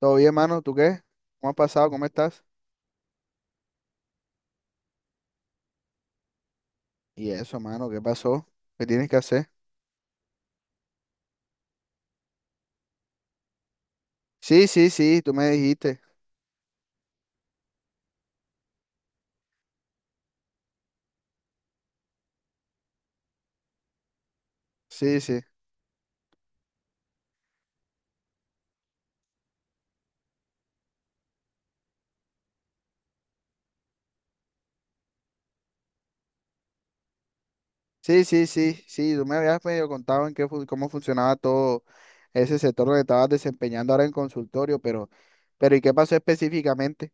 Todo bien, mano, ¿tú qué? ¿Cómo has pasado? ¿Cómo estás? Y eso, mano, ¿qué pasó? ¿Qué tienes que hacer? Sí, sí, sí, tú me dijiste. Sí, sí. Sí, sí, sí, sí, tú me habías medio contado en cómo funcionaba todo ese sector donde estabas desempeñando ahora en consultorio, pero ¿y qué pasó específicamente?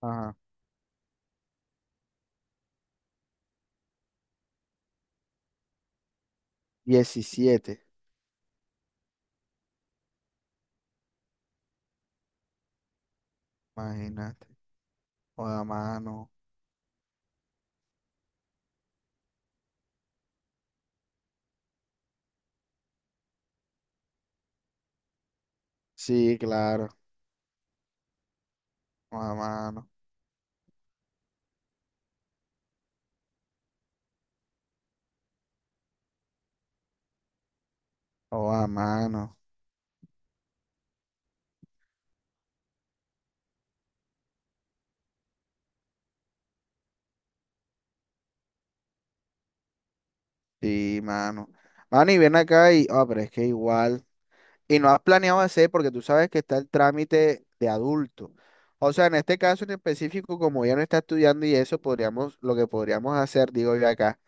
Ajá. Diecisiete. Imagínate. O a mano. Sí, claro. O a mano. O a mano. Sí, mano. Mano, y ven acá y, pero es que igual. Y no has planeado hacer porque tú sabes que está el trámite de adulto. O sea, en este caso en específico, como ya no está estudiando y eso, podríamos, lo que podríamos hacer, digo yo acá,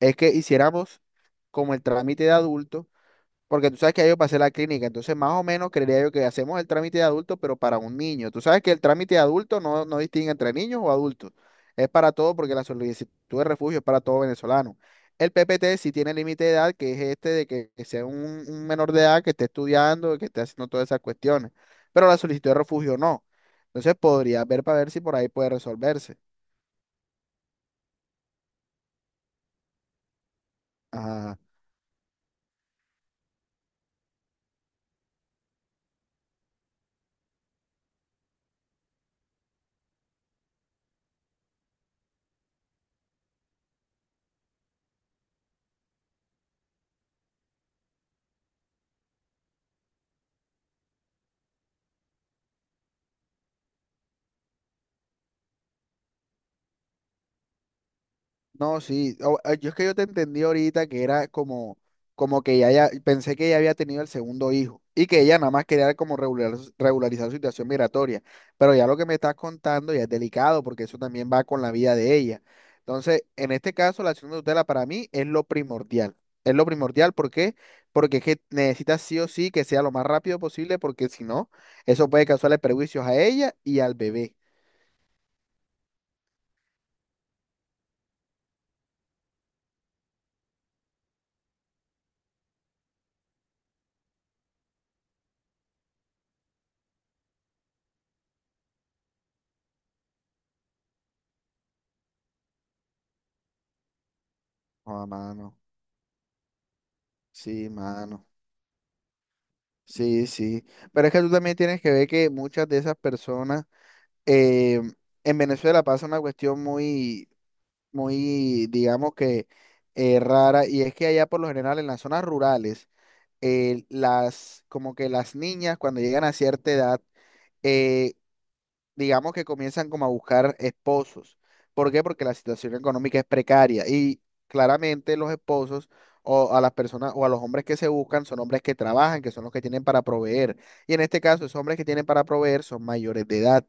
es que hiciéramos como el trámite de adulto, porque tú sabes que ya yo pasé la clínica, entonces más o menos creería yo que hacemos el trámite de adulto, pero para un niño. Tú sabes que el trámite de adulto no distingue entre niños o adultos. Es para todo porque la solicitud de refugio es para todo venezolano. El PPT sí tiene límite de edad, que es este de que sea un menor de edad que esté estudiando, que esté haciendo todas esas cuestiones, pero la solicitud de refugio no. Entonces podría ver para ver si por ahí puede resolverse. Ajá. No, sí. Yo es que yo te entendí ahorita que era como, como que ya, ya pensé que ella había tenido el segundo hijo y que ella nada más quería como regularizar su situación migratoria. Pero ya lo que me estás contando ya es delicado porque eso también va con la vida de ella. Entonces, en este caso, la acción de tutela para mí es lo primordial. Es lo primordial, ¿por qué? Porque es que necesitas sí o sí que sea lo más rápido posible porque si no, eso puede causarle perjuicios a ella y al bebé. Oh, mano. Sí, mano. Sí, sí. Pero es que tú también tienes que ver que muchas de esas personas eh, en Venezuela pasa una cuestión muy, muy, digamos que rara, y es que allá por lo general en las zonas rurales, las, como que las niñas cuando llegan a cierta edad, eh, digamos que comienzan como a buscar esposos. ¿Por qué? Porque la situación económica es precaria y claramente los esposos o a las personas o a los hombres que se buscan son hombres que trabajan, que son los que tienen para proveer. Y en este caso, esos hombres que tienen para proveer son mayores de edad.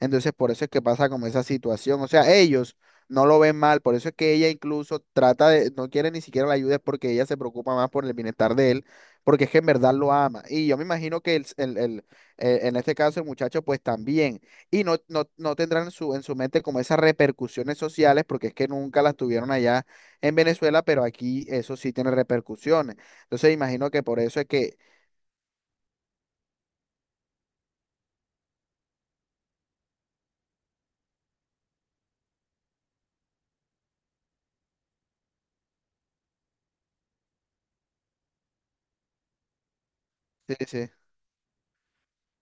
Entonces, por eso es que pasa como esa situación. O sea, ellos no lo ven mal, por eso es que ella incluso trata de, no quiere ni siquiera la ayuda, es porque ella se preocupa más por el bienestar de él, porque es que en verdad lo ama. Y yo me imagino que en este caso el muchacho pues también y no tendrán en en su mente como esas repercusiones sociales, porque es que nunca las tuvieron allá en Venezuela, pero aquí eso sí tiene repercusiones. Entonces imagino que por eso es que... Sí, sí.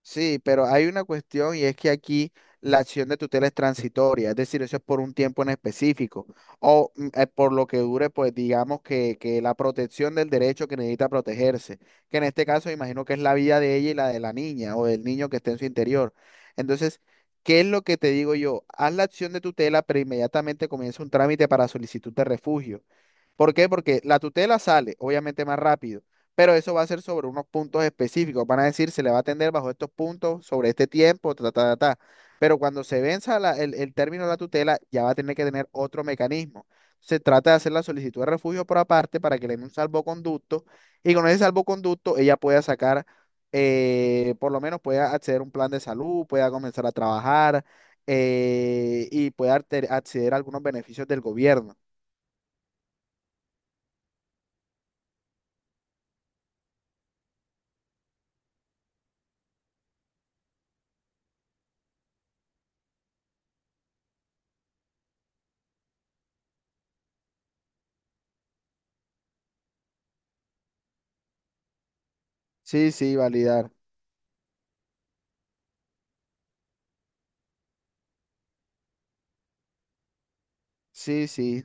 Sí, pero hay una cuestión y es que aquí la acción de tutela es transitoria, es decir, eso es por un tiempo en específico o por lo que dure, pues digamos que la protección del derecho que necesita protegerse, que en este caso imagino que es la vida de ella y la de la niña o del niño que esté en su interior. Entonces, ¿qué es lo que te digo yo? Haz la acción de tutela, pero inmediatamente comienza un trámite para solicitud de refugio. ¿Por qué? Porque la tutela sale, obviamente, más rápido, pero eso va a ser sobre unos puntos específicos. Van a decir, se le va a atender bajo estos puntos, sobre este tiempo, ta, ta, ta, ta. Pero cuando se venza el término de la tutela, ya va a tener que tener otro mecanismo. Se trata de hacer la solicitud de refugio por aparte para que le den un salvoconducto y con ese salvoconducto ella pueda sacar, por lo menos pueda acceder a un plan de salud, pueda comenzar a trabajar y pueda acceder a algunos beneficios del gobierno. Sí, sí, validar. Sí, sí.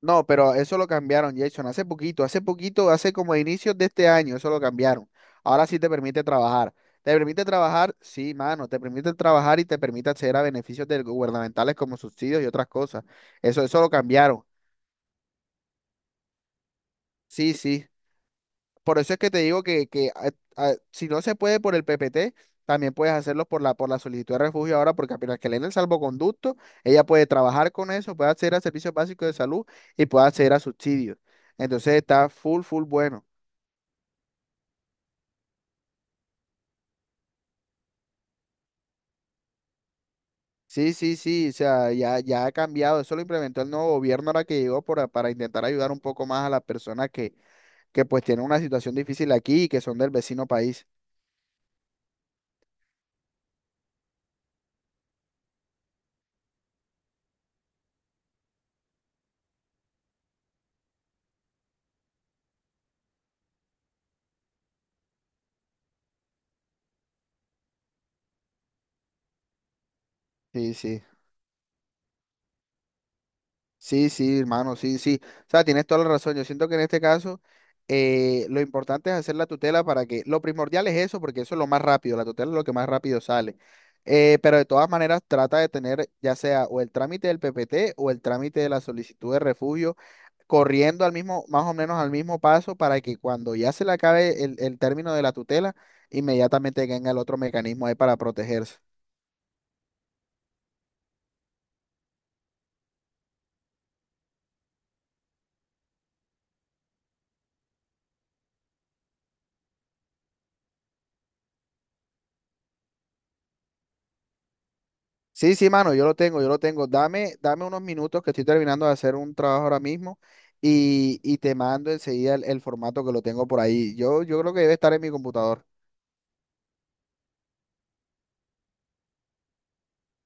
No, pero eso lo cambiaron, Jason, hace poquito, hace poquito, hace como a inicios de este año, eso lo cambiaron. Ahora sí te permite trabajar. ¿Te permite trabajar? Sí, mano, te permite trabajar y te permite acceder a beneficios gubernamentales como subsidios y otras cosas. Eso lo cambiaron. Sí, sí. Por eso es que te digo que si no se puede por el PPT, también puedes hacerlo por por la solicitud de refugio ahora, porque apenas que le den el salvoconducto, ella puede trabajar con eso, puede acceder a servicios básicos de salud y puede acceder a subsidios. Entonces está full, full bueno. Sí, sí, sí, o sea, ya, ya ha cambiado. Eso lo implementó el nuevo gobierno ahora que llegó para intentar ayudar un poco más a las personas que pues tienen una situación difícil aquí y que son del vecino país. Sí, sí. Sí, sí, hermano, sí, sí. O sea, tienes toda la razón. Yo siento que en este caso lo importante es hacer la tutela para que, lo primordial es eso, porque eso es lo más rápido, la tutela es lo que más rápido sale. Pero de todas maneras trata de tener ya sea o el trámite del PPT o el trámite de la solicitud de refugio corriendo al mismo, más o menos al mismo paso para que cuando ya se le acabe el término de la tutela, inmediatamente venga el otro mecanismo ahí para protegerse. Sí, sí, mano, yo lo tengo, yo lo tengo. Dame unos minutos que estoy terminando de hacer un trabajo ahora mismo y te mando enseguida el formato que lo tengo por ahí. Yo creo que debe estar en mi computador.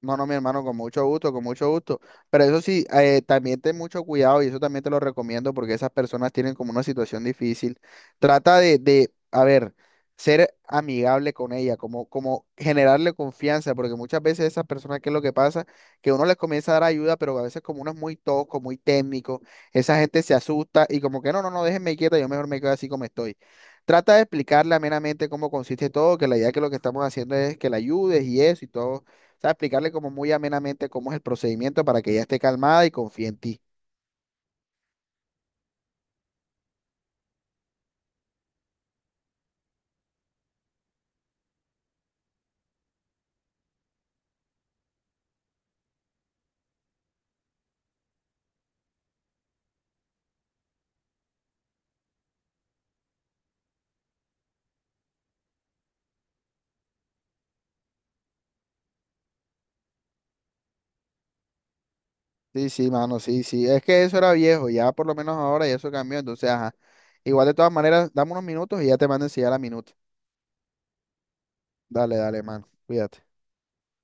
No, no, mi hermano, con mucho gusto, con mucho gusto. Pero eso sí, también ten mucho cuidado y eso también te lo recomiendo porque esas personas tienen como una situación difícil. Trata de a ver, ser amigable con ella, como, como generarle confianza, porque muchas veces esas personas, ¿qué es lo que pasa? Que uno les comienza a dar ayuda, pero a veces como uno es muy tosco, muy técnico, esa gente se asusta y como que no, no, no, déjenme quieta, yo mejor me quedo así como estoy. Trata de explicarle amenamente cómo consiste todo, que la idea que lo que estamos haciendo es que la ayudes y eso y todo sea, explicarle como muy amenamente cómo es el procedimiento para que ella esté calmada y confíe en ti. Sí, sí, mano, sí, sí. Es que eso era viejo, ya por lo menos ahora ya eso cambió. Entonces, ajá. Igual de todas maneras, dame unos minutos y ya te mando a enseñar la minuta. Dale, dale, mano. Cuídate.